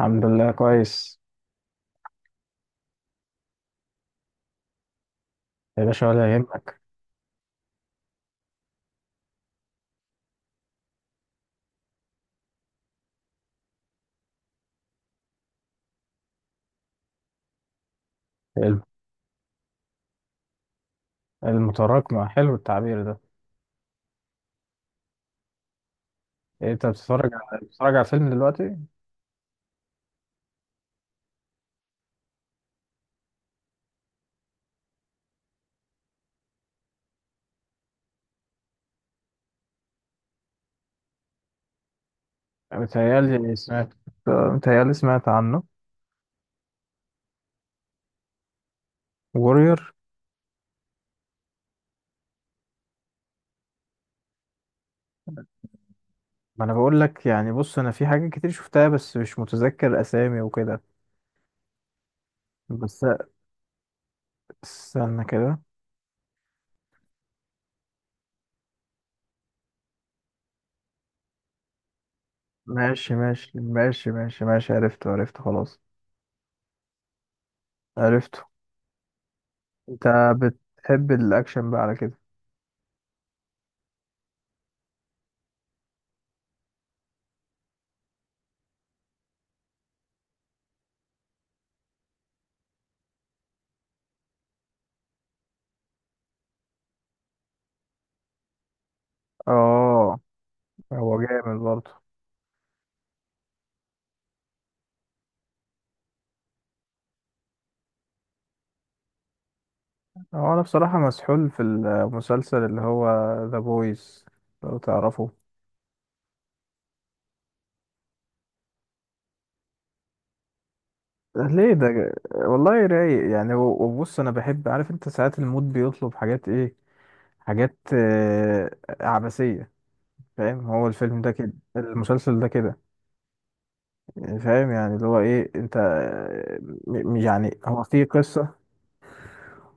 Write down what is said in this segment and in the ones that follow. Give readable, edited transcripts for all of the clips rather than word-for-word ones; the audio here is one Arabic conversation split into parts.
الحمد لله كويس. يا باشا ولا يهمك. الم- المتراكمة حلو التعبير ده. إيه، انت بتتفرج على فيلم دلوقتي؟ متهيألي سمعت. متهيألي سمعت عنه. وورير. ما انا بقول لك يعني، بص انا في حاجات كتير شفتها بس مش متذكر اسامي وكده. بس استنى كده. ماشي عرفته خلاص. عرفته. انت بتحب الاكشن بقى على كده؟ اه هو جامد برضه. هو انا بصراحة مسحول في المسلسل اللي هو ذا بويز، لو تعرفه. ليه؟ والله رايق يعني، وبص انا بحب، عارف انت ساعات المود بيطلب حاجات ايه؟ حاجات عبثية. فاهم؟ هو الفيلم ده كده، المسلسل ده كده. يعني فاهم، يعني اللي هو ايه انت، يعني هو فيه قصة.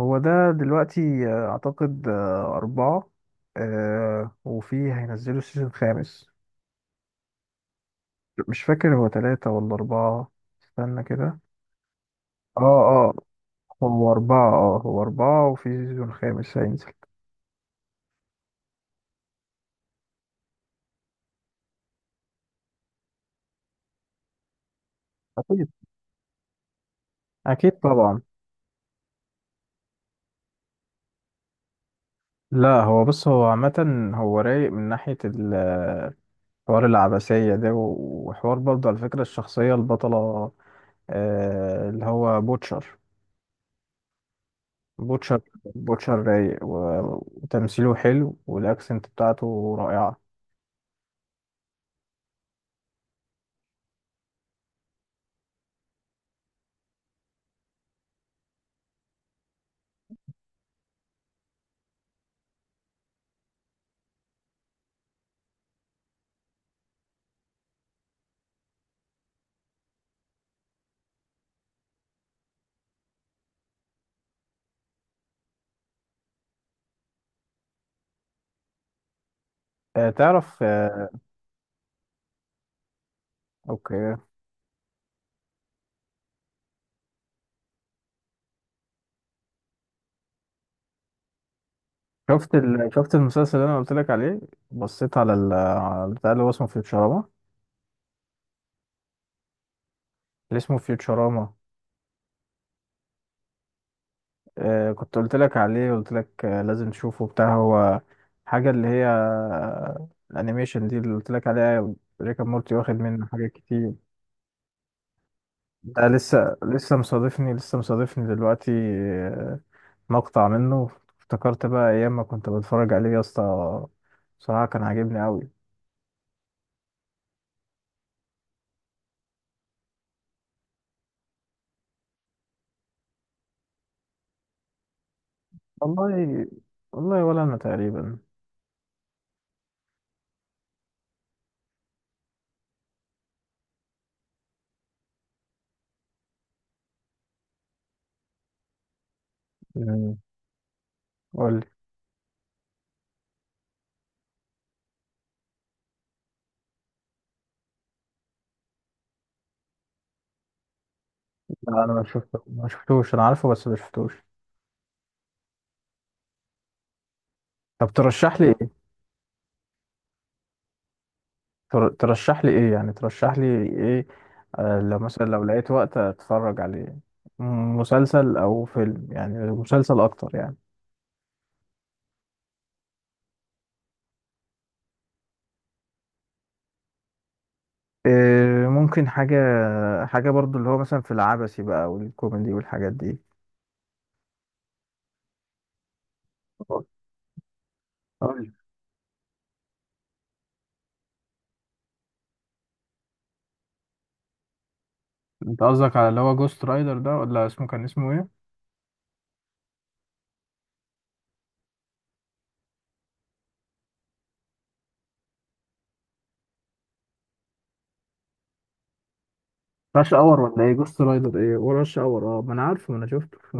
هو ده دلوقتي اعتقد اربعة. وفيه هينزلوا السيزون الخامس. مش فاكر هو تلاتة ولا أربعة. استنى كده. اه اه، هو أربعة، اه هو أربعة وفي سيزون خامس هينزل. أكيد، أكيد طبعا. لا هو بص، هو عامة هو رايق من ناحية حوار العبثية ده، وحوار برضه على فكرة الشخصية البطلة، اللي هو بوتشر. بوتشر رايق، وتمثيله حلو والأكسنت بتاعته رائعة. آه، تعرف آه، أوكي، شفت المسلسل اللي انا قلت لك عليه؟ بصيت على البتاع اللي هو اسمه فيوتشراما. اللي اسمه فيوتشراما. آه كنت قلت لك عليه، قلت لك آه لازم تشوفه بتاع هو حاجة اللي هي آه الانيميشن دي اللي قلت لك عليها. ريكا مورتي واخد منه حاجات كتير. ده لسه، لسه مصادفني دلوقتي آه مقطع منه. افتكرت بقى ايام ما كنت بتفرج عليه يا اسطى، بصراحة كان عاجبني قوي. والله والله، ولا انا تقريبا. مم. قول لي. لا انا ما شفتوش، انا عارفه بس ما شفتوش. طب ترشح لي ايه؟ تر... ترشح لي ايه يعني ترشح لي ايه؟ آه لو مثلا لو لقيت وقت اتفرج عليه. مسلسل او فيلم، يعني مسلسل اكتر يعني. إيه، ممكن حاجة، حاجة برضو اللي هو مثلا في العبثي بقى والكوميدي والحاجات دي. قول لي. انت قصدك على اللي هو جوست رايدر ده، ولا اسمه كان اسمه ايه؟ راش اور ولا ايه؟ جوست رايدر ايه وراش اور؟ اه ما انا عارفه، ما انا شفته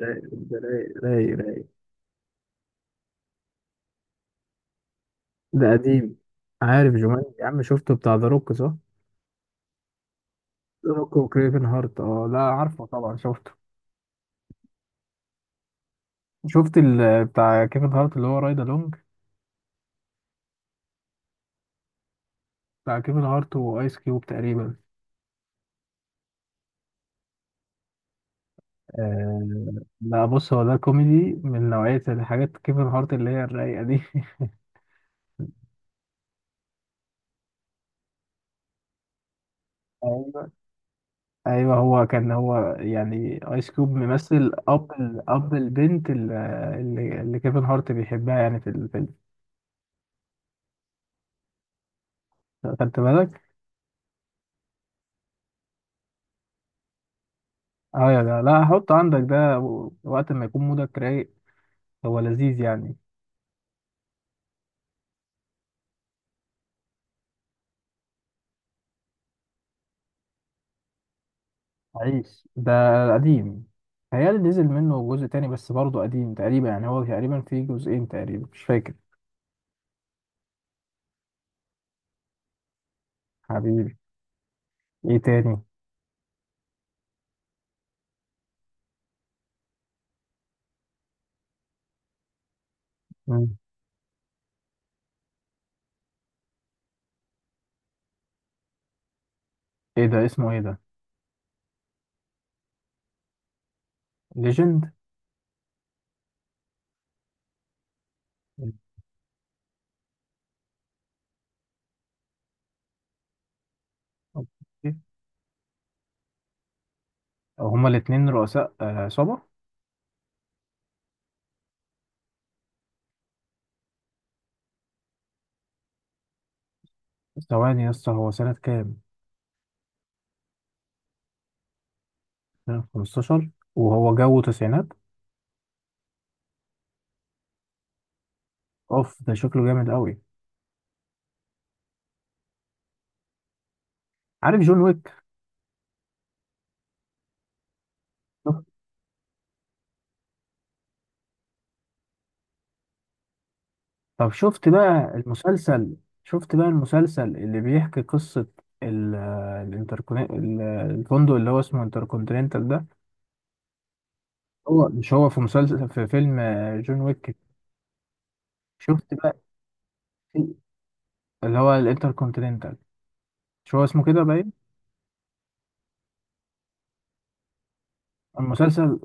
رايق، رايق. ده قديم. عارف جومانجي يا عم؟ شفته، بتاع ذا روك صح؟ ذا روك وكريفن هارت، اه لا عارفه طبعا، شفته. شفت ال بتاع كيفن هارت اللي هو رايد الونج، بتاع كيفن هارت وايس كيوب تقريبا؟ آه لا بص، هو ده كوميدي من نوعية الحاجات كيفن هارت اللي هي الرايقة دي. ايوه، ايوه، هو كان هو يعني ايس كيوب ممثل اب البنت اللي كيفن هارت بيحبها يعني في الفيلم. خدت بالك؟ اه يا جدع، لا حط عندك ده، وقت ما يكون مودك رايق. هو لذيذ يعني. عيش ده. قديم. هيال نزل منه جزء تاني بس برضه قديم تقريبا، يعني هو تقريبا فيه جزئين تقريبا مش فاكر. حبيبي. ايه تاني؟ مم. ايه ده؟ اسمه ايه ده؟ ليجند. اوكي، هما الاتنين رؤساء عصابة. ثواني يا اسطى، هو سنة كام؟ سنة 15 وهو جو تسعينات؟ اوف ده شكله جامد قوي. عارف جون ويك؟ طب شفت بقى المسلسل؟ شفت بقى المسلسل اللي بيحكي قصة ال- الانتركون، الفندق اللي هو اسمه انتركونتيننتال ده؟ هو مش هو في مسلسل في فيلم جون ويك؟ شفت بقى في- اللي هو الانتركونتيننتال؟ مش هو اسمه كده باين. المسلسل،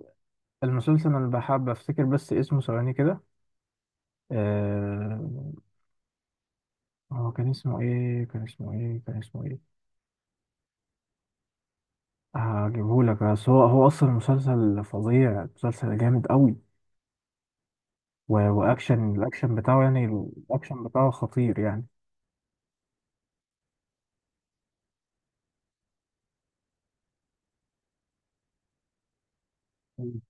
المسلسل انا بحب افتكر بس اسمه، ثواني كده. آه، هو كان اسمه ايه كان اسمه ايه؟ هجيبهولك، بس هو هو اصلا مسلسل فظيع، مسلسل جامد قوي، واكشن، الاكشن بتاعه يعني، الاكشن بتاعه خطير يعني. مم.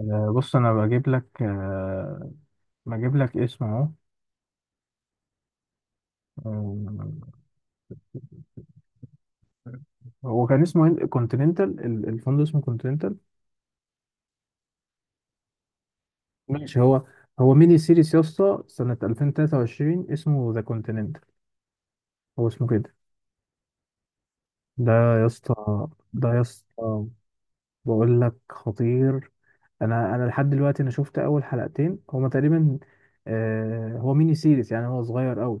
آه، بص انا بجيب لك، بجيب لك اسم اهو. آه، هو كان اسمه كونتيننتال، الفندق اسمه كونتيننتال. ماشي. هو هو ميني سيريس يا اسطى، سنة 2023، اسمه ذا كونتيننتال. هو اسمه كده. ده يا اسطى، ده يا اسطى بقول لك خطير. انا، انا لحد دلوقتي انا شفت اول حلقتين هما تقريبا، هو ميني سيريس يعني، هو صغير قوي،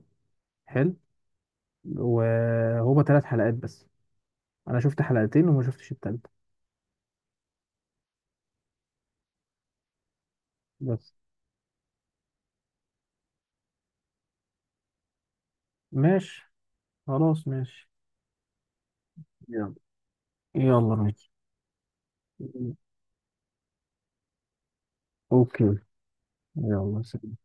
حلو. وهما ثلاث حلقات بس، انا شفت حلقتين وما شفتش التالتة بس. ماشي، خلاص ماشي. يلا، يلا ماشي. اوكي، يلا سلام.